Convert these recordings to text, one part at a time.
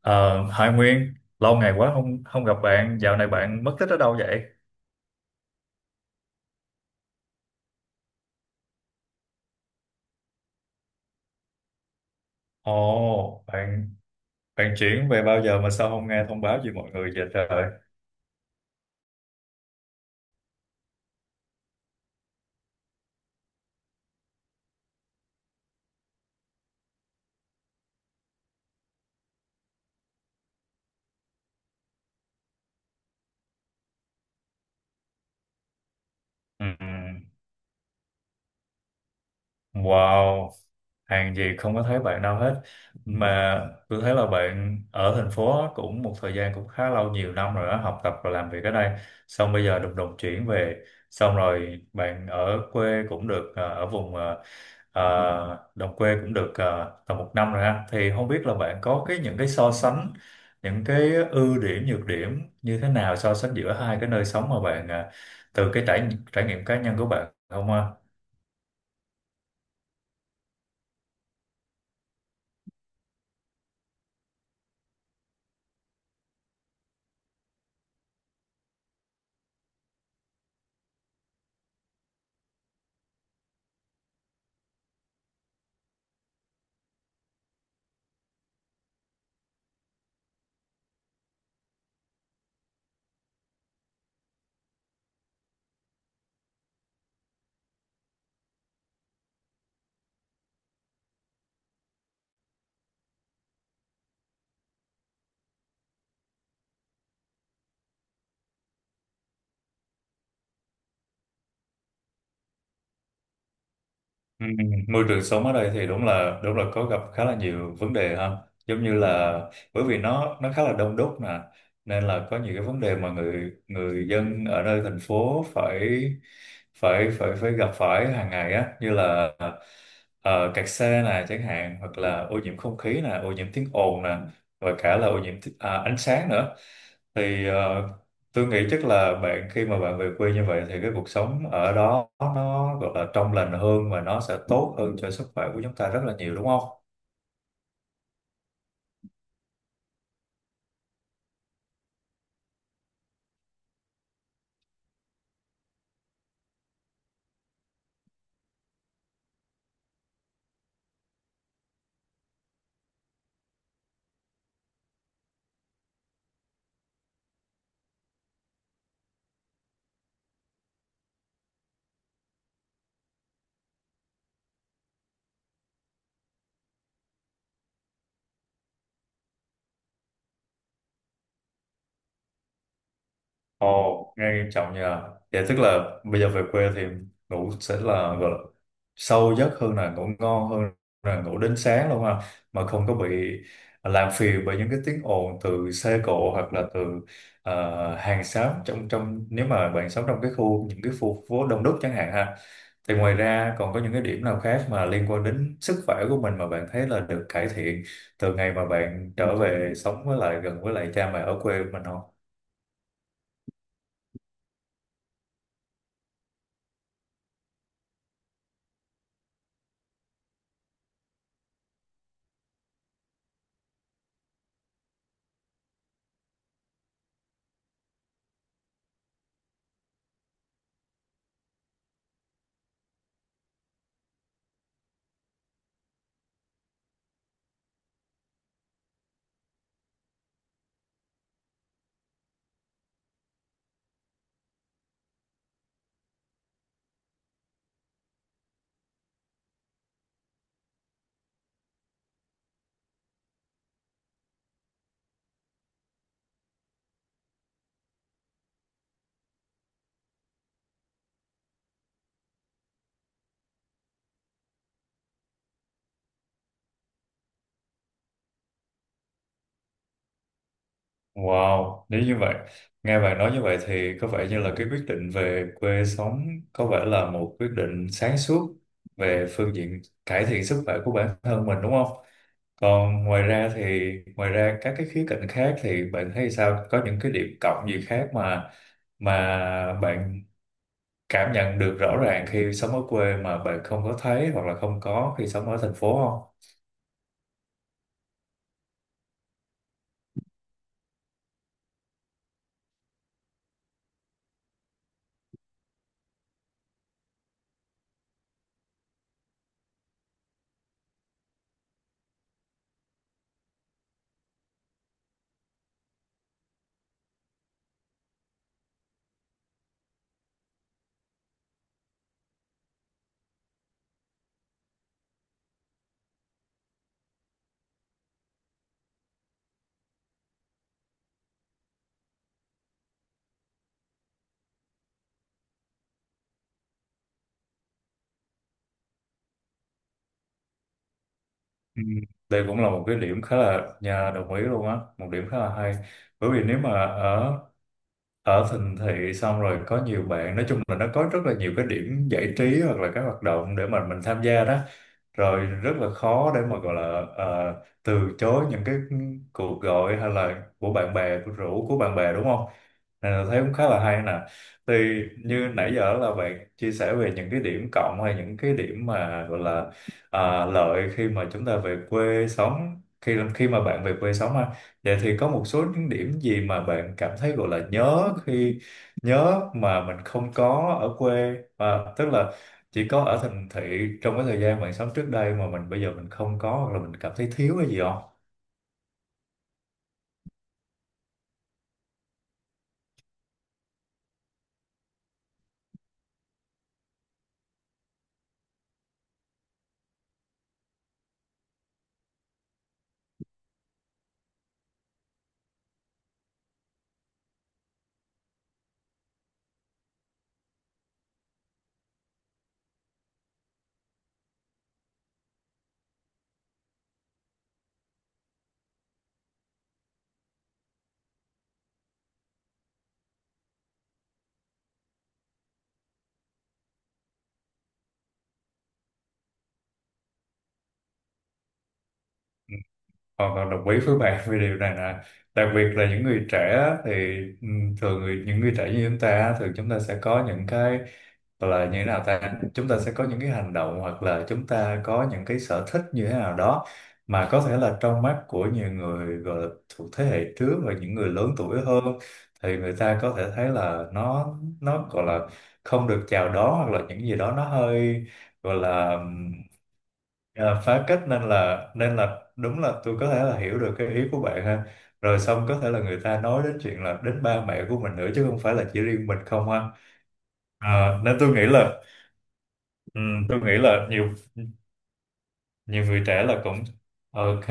Ờ, Hải Nguyên, lâu ngày quá không không gặp bạn, dạo này bạn mất tích ở đâu vậy? Ồ, bạn bạn chuyển về bao giờ mà sao không nghe thông báo gì mọi người vậy trời? Ừ. Wow, hàng gì không có thấy bạn đâu hết. Mà tôi thấy là bạn ở thành phố cũng một thời gian cũng khá lâu, nhiều năm rồi đó, học tập và làm việc ở đây. Xong bây giờ đùng đùng chuyển về. Xong rồi bạn ở quê cũng được, ở vùng đồng quê cũng được, tầm một năm rồi ha. Thì không biết là bạn có cái những cái so sánh, những cái ưu điểm, nhược điểm như thế nào, so sánh giữa hai cái nơi sống mà bạn từ cái trải trải nghiệm cá nhân của bạn không ha? Ừ, môi trường sống ở đây thì đúng là có gặp khá là nhiều vấn đề ha, giống như là bởi vì nó khá là đông đúc nè, nên là có nhiều cái vấn đề mà người người dân ở nơi thành phố phải phải gặp phải hàng ngày á, như là kẹt xe nè chẳng hạn, hoặc là ô nhiễm không khí nè, ô nhiễm tiếng ồn nè, và cả là ô nhiễm à, ánh sáng nữa. Thì tôi nghĩ chắc là bạn khi mà bạn về quê như vậy thì cái cuộc sống ở đó nó gọi là trong lành hơn và nó sẽ tốt hơn cho sức khỏe của chúng ta rất là nhiều đúng không? Ồ, nghe nghiêm trọng nhờ. Vậy tức là bây giờ về quê thì ngủ sẽ là gọi là sâu giấc hơn, là ngủ ngon hơn, là ngủ đến sáng luôn ha. Mà không có bị làm phiền bởi những cái tiếng ồn từ xe cộ, hoặc là từ hàng xóm trong trong nếu mà bạn sống trong cái khu những cái khu phố đông đúc chẳng hạn ha. Thì ngoài ra còn có những cái điểm nào khác mà liên quan đến sức khỏe của mình mà bạn thấy là được cải thiện từ ngày mà bạn trở về sống với lại gần với lại cha mẹ ở quê mình không? Wow, nếu như vậy, nghe bạn nói như vậy thì có vẻ như là cái quyết định về quê sống có vẻ là một quyết định sáng suốt về phương diện cải thiện sức khỏe của bản thân mình đúng không? Còn ngoài ra các cái khía cạnh khác thì bạn thấy sao? Có những cái điểm cộng gì khác mà bạn cảm nhận được rõ ràng khi sống ở quê mà bạn không có thấy hoặc là không có khi sống ở thành phố không? Ừ, đây cũng là một cái điểm khá là nhà đồng ý luôn á, một điểm khá là hay. Bởi vì nếu mà ở ở thành thị xong rồi có nhiều bạn, nói chung là nó có rất là nhiều cái điểm giải trí hoặc là các hoạt động để mà mình tham gia đó, rồi rất là khó để mà gọi là ờ, từ chối những cái cuộc gọi hay là của bạn bè của rủ của bạn bè đúng không. Nên là thấy cũng khá là hay nè, thì như nãy giờ là bạn chia sẻ về những cái điểm cộng hay những cái điểm mà gọi là lợi khi mà chúng ta về quê sống, khi khi mà bạn về quê sống ha, vậy thì có một số những điểm gì mà bạn cảm thấy gọi là nhớ khi nhớ mà mình không có ở quê, à, tức là chỉ có ở thành thị trong cái thời gian bạn sống trước đây mà mình bây giờ mình không có, hoặc là mình cảm thấy thiếu cái gì. Hoàn toàn đồng ý với bạn về điều này nè, đặc biệt là những người trẻ á, thì ừ, thường những người trẻ như chúng ta á, thường chúng ta sẽ có những cái gọi là như thế nào ta, chúng ta sẽ có những cái hành động hoặc là chúng ta có những cái sở thích như thế nào đó mà có thể là trong mắt của nhiều người gọi là thuộc thế hệ trước và những người lớn tuổi hơn, thì người ta có thể thấy là nó gọi là không được chào đón hoặc là những gì đó nó hơi gọi là à, phá cách, nên là đúng là tôi có thể là hiểu được cái ý của bạn ha, rồi xong có thể là người ta nói đến chuyện là đến ba mẹ của mình nữa chứ không phải là chỉ riêng mình không ha. À, nên tôi nghĩ là nhiều nhiều người trẻ là cũng ok,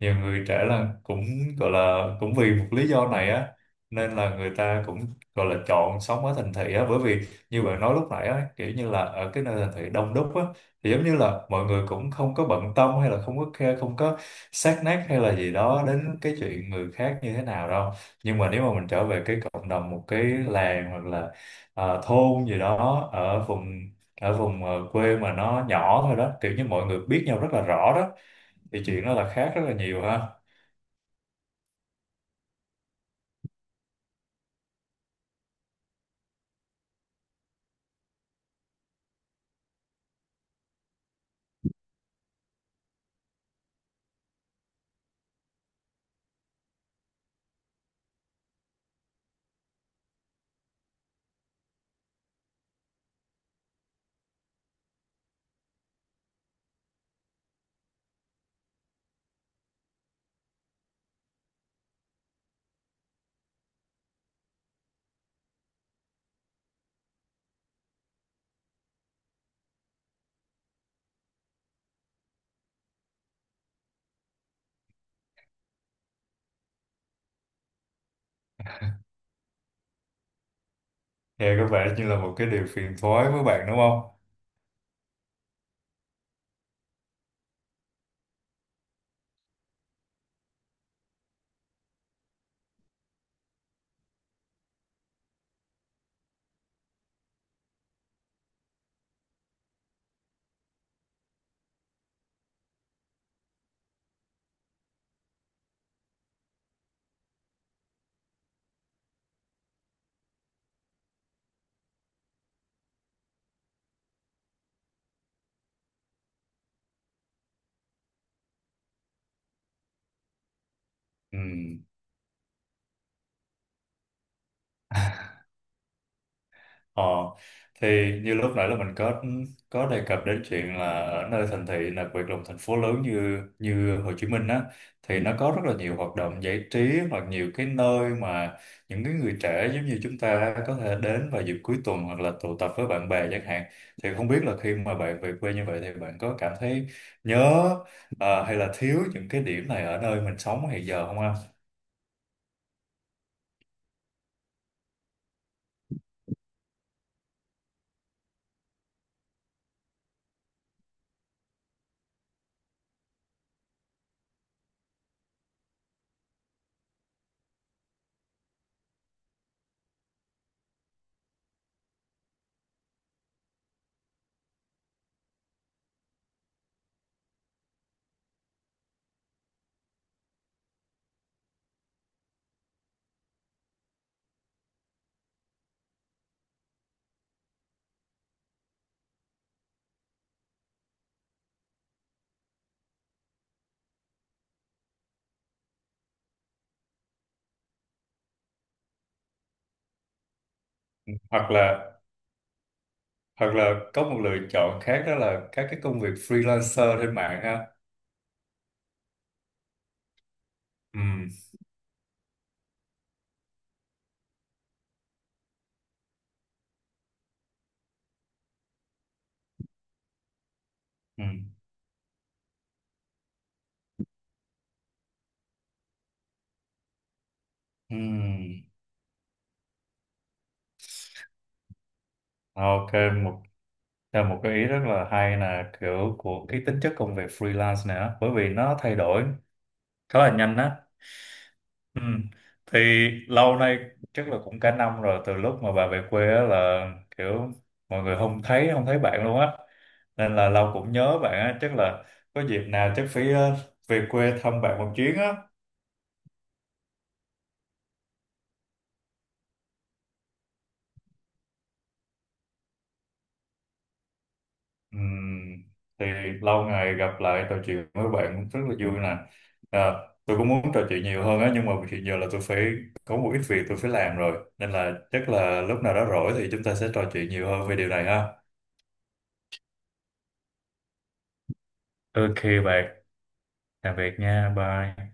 nhiều người trẻ là cũng gọi là cũng vì một lý do này á, nên là người ta cũng gọi là chọn sống ở thành thị á, bởi vì như bạn nói lúc nãy á, kiểu như là ở cái nơi thành thị đông đúc á thì giống như là mọi người cũng không có bận tâm hay là không có care, không có sát nát hay là gì đó đến cái chuyện người khác như thế nào đâu. Nhưng mà nếu mà mình trở về cái cộng đồng một cái làng hoặc là à, thôn gì đó ở vùng quê mà nó nhỏ thôi đó, kiểu như mọi người biết nhau rất là rõ đó, thì chuyện đó là khác rất là nhiều ha. Nghe có vẻ như là một cái điều phiền toái với bạn đúng không. Ừ. Ờ, thì như lúc nãy là mình có đề cập đến chuyện là ở nơi thành thị, đặc biệt là một thành phố lớn như như Hồ Chí Minh á, thì nó có rất là nhiều hoạt động giải trí hoặc nhiều cái nơi mà những cái người trẻ giống như chúng ta có thể đến vào dịp cuối tuần hoặc là tụ tập với bạn bè chẳng hạn, thì không biết là khi mà bạn về quê như vậy thì bạn có cảm thấy nhớ à, hay là thiếu những cái điểm này ở nơi mình sống hiện giờ không anh? Hoặc là có một lựa chọn khác đó là các cái công việc freelancer trên mạng ha. Ừ, ừ, ừ. Ok, một theo một cái ý rất là hay là kiểu của cái tính chất công việc freelance này á, bởi vì nó thay đổi khá là nhanh á. Ừ. Thì lâu nay chắc là cũng cả năm rồi từ lúc mà bà về quê á, là kiểu mọi người không thấy bạn luôn á. Nên là lâu cũng nhớ bạn á, chắc là có dịp nào chắc phải về quê thăm bạn một chuyến á. Ừm, thì lâu ngày gặp lại trò chuyện với bạn cũng rất là vui nè, à, tôi cũng muốn trò chuyện nhiều hơn á, nhưng mà hiện giờ là tôi phải có một ít việc tôi phải làm rồi, nên là chắc là lúc nào đó rỗi thì chúng ta sẽ trò chuyện nhiều hơn về điều này ha. Ok bạn, tạm biệt nha, bye.